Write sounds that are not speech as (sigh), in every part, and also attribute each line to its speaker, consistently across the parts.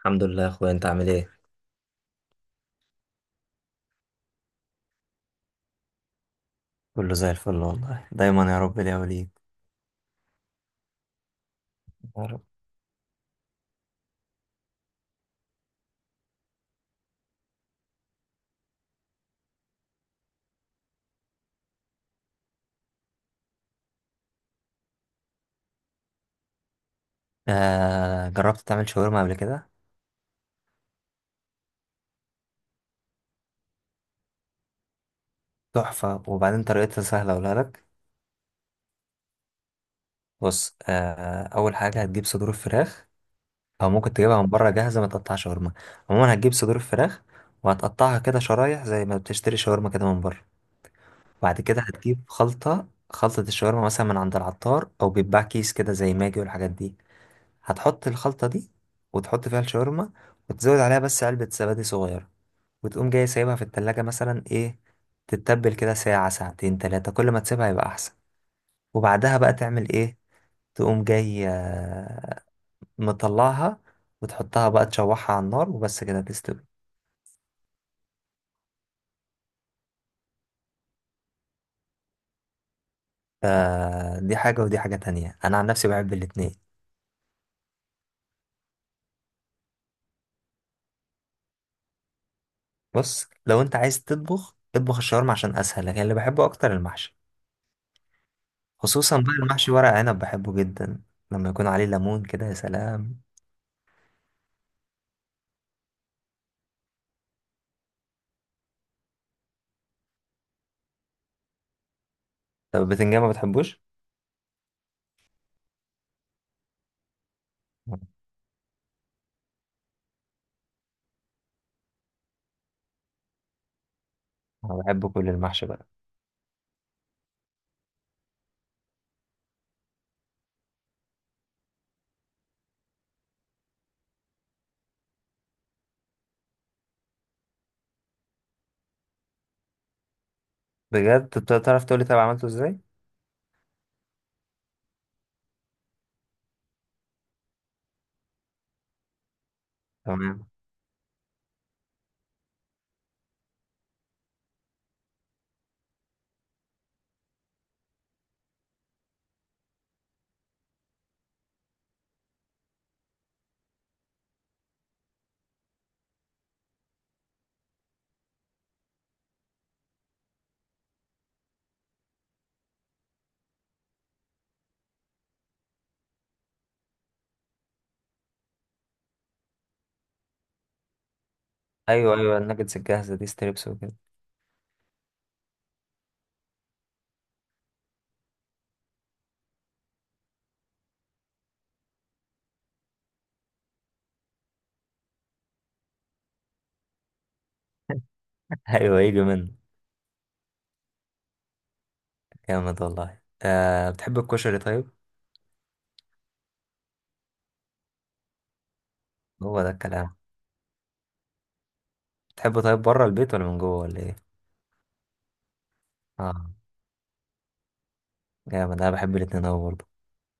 Speaker 1: الحمد لله يا اخويا، انت عامل ايه؟ كله زي الفل والله، دايما يا رب ليا وليك. يا رب. آه، جربت تعمل شاورما قبل كده؟ تحفة، وبعدين طريقتها سهلة أقولها لك. بص، أول حاجة هتجيب صدور الفراخ، أو ممكن تجيبها من بره جاهزة ما تقطع شاورما. عموما هتجيب صدور الفراخ، وهتقطعها كده شرايح زي ما بتشتري شاورما كده من بره. بعد كده هتجيب خلطة الشاورما، مثلا من عند العطار أو بيتباع كيس كده زي ماجي والحاجات دي. هتحط الخلطة دي، وتحط فيها الشاورما، وتزود عليها بس علبة زبادي صغيرة، وتقوم جاي سايبها في التلاجة مثلا، ايه، تتبل كده ساعة ساعتين تلاتة، كل ما تسيبها يبقى أحسن. وبعدها بقى تعمل ايه؟ تقوم جاي، مطلعها وتحطها بقى، تشوحها على النار وبس كده تستوي. فدي حاجة ودي حاجة تانية، أنا عن نفسي بحب الاتنين. بص، لو أنت عايز تطبخ اطبخ الشاورما عشان أسهل، لكن اللي بحبه أكتر المحشي. خصوصا بقى المحشي ورق عنب، بحبه جدا لما يكون عليه ليمون كده، يا سلام. طب البتنجان ما بتحبوش؟ أنا بحب كل المحشي بقى. بجد؟ طب تعرف تقولي طب عملته ازاي. تمام. ايوه، ايوه، الناجتس الجاهزه دي، ستريبس وكده. (laughs) ايوه، يجي منه. جامد والله. آه، بتحب الكشري طيب؟ هو ده الكلام. بتحبه طيب بره البيت، ولا من جوه، ولا ايه؟ اه، جامد، انا بحب الاتنين اوي برضه،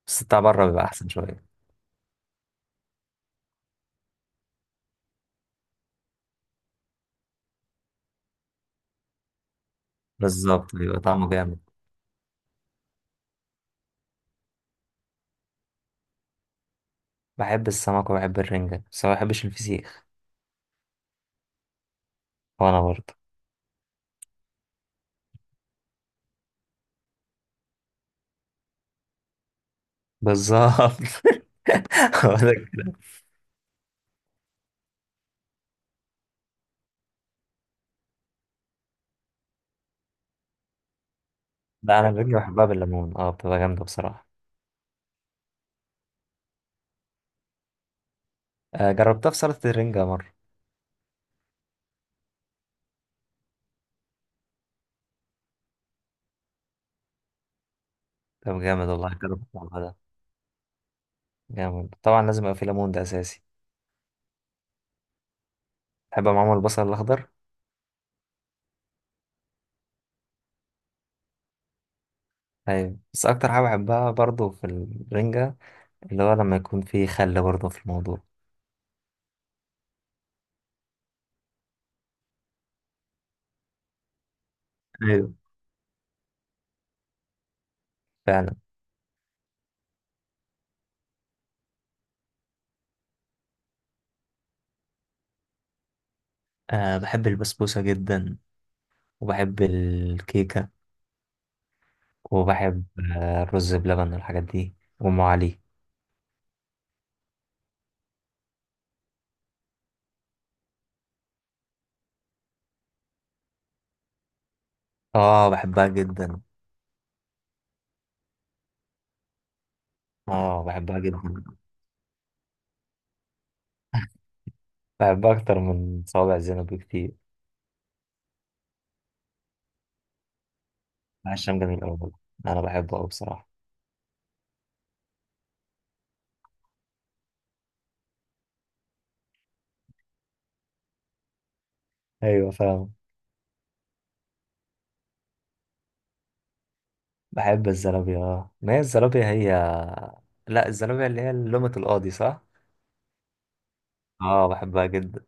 Speaker 1: بس بتاع بره بيبقى احسن شويه. بالظبط، بيبقى طعمه جامد. بحب السمك وبحب الرنجه، بس ما بحبش الفسيخ. وانا برضه. بالظبط. (laughs) هو ده الكلام. لا، انا الرنجه بحبها بالليمون، اه بتبقى جامده بصراحه. آه، جربتها في سلطه الرنجه مره. طب جامد والله، جربت. جامد، طبعا لازم يبقى في ليمون، ده اساسي. بحب معاهم البصل الاخضر. طيب، بس اكتر حاجه بحبها برضو في الرنجه، اللي هو لما يكون في خل برضو في الموضوع. ايوه، فعلا. أه، بحب البسبوسه جدا، وبحب الكيكه، وبحب الرز بلبن والحاجات دي وام علي. اه، بحبها جدا. اه، بحبها جدا. بحبها اكتر من صوابع زينب بكتير. عشان جميل قوي. انا بحبه قوي بصراحه. ايوه فاهم. بحب الزلابية، اه ما هي الزلابية هي. لا، الزلابية اللي هي لومة القاضي صح؟ اه، بحبها جدا.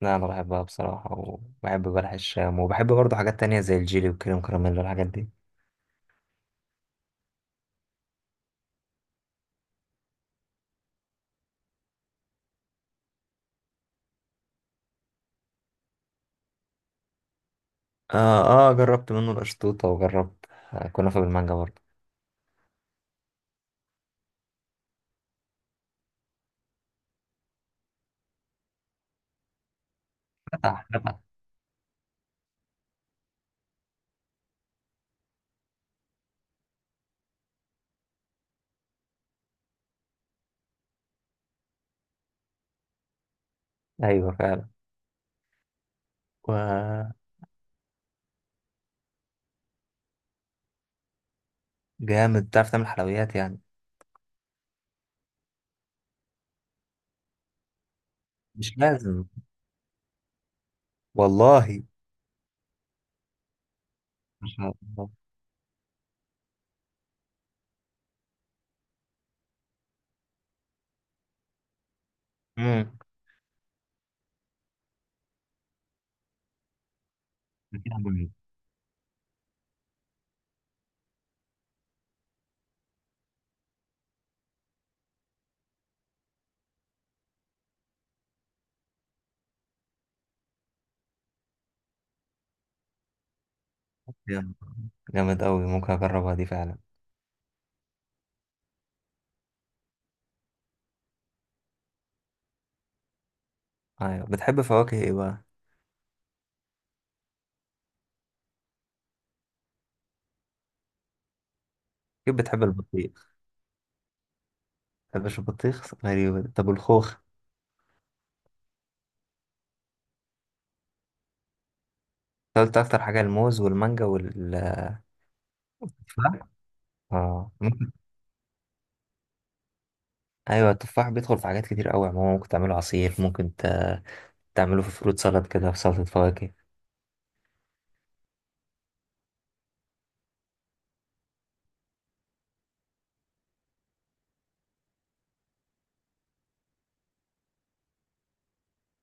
Speaker 1: لا، انا بحبها بصراحة، وبحب بلح الشام، وبحب برضه حاجات تانية زي الجيلي والكريم كراميل والحاجات دي. اه. اه، جربت منه القشطوطة، وجربت كنافة بالمانجا برضه. فتح، فتح. ايوه فعلا، وجامد. تعرف تعمل حلويات يعني. مش لازم. والله. ما شاء الله. امم. جامد جامد أوي، ممكن أجربها دي فعلا. أيوة، بتحب فواكه إيه بقى؟ كيف بتحب البطيخ؟ بتحبش البطيخ؟ غريبة دي. طب والخوخ؟ أنت قلت أكتر حاجة الموز والمانجا والتفاح؟ اه ممكن. أيوة، التفاح بيدخل في حاجات كتير أوي، عموما ممكن تعمله عصير، ممكن تعمله في فروت سالاد كده، في سلطة فواكه.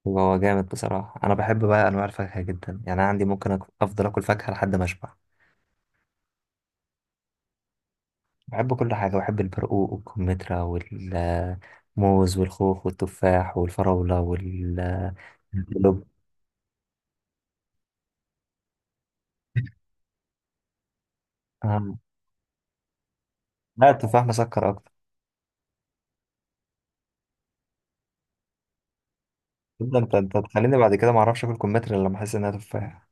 Speaker 1: هو جامد بصراحة، أنا بحب بقى أنواع الفاكهة جدا يعني، أنا عندي ممكن أفضل آكل فاكهة لحد ما أشبع. بحب كل حاجة، بحب البرقوق والكمثرى والموز والخوخ والتفاح والفراولة الكلوب. آه. لا، التفاح مسكر أكتر. ده انت تخليني بعد كده ما اعرفش اكل كمثرى الا لما احس انها تفاح.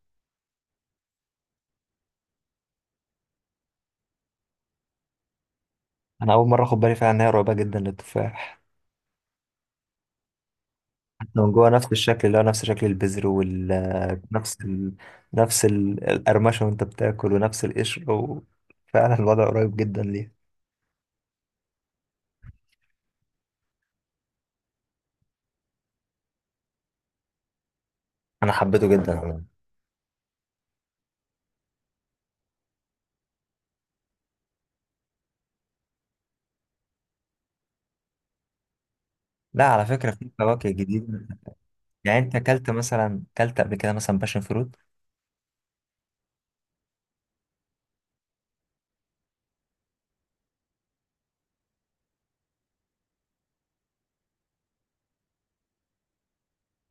Speaker 1: انا اول مره اخد بالي فعلا انها قريبه جدا للتفاح. حتى من جوه نفس الشكل، اللي هو نفس شكل البذر وال نفس ال... نفس ال- القرمشه، وانت بتاكل، ونفس القشر فعلا الوضع قريب جدا ليه. انا حبيته جدا عموما. لا، على فكره في فواكه جديده. يعني انت اكلت قبل كده مثلا باشن فروت؟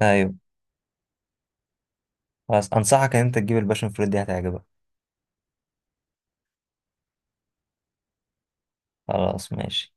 Speaker 1: ايوه. خلاص، انصحك ان انت تجيب الباشن فروت دي، هتعجبك. خلاص ماشي.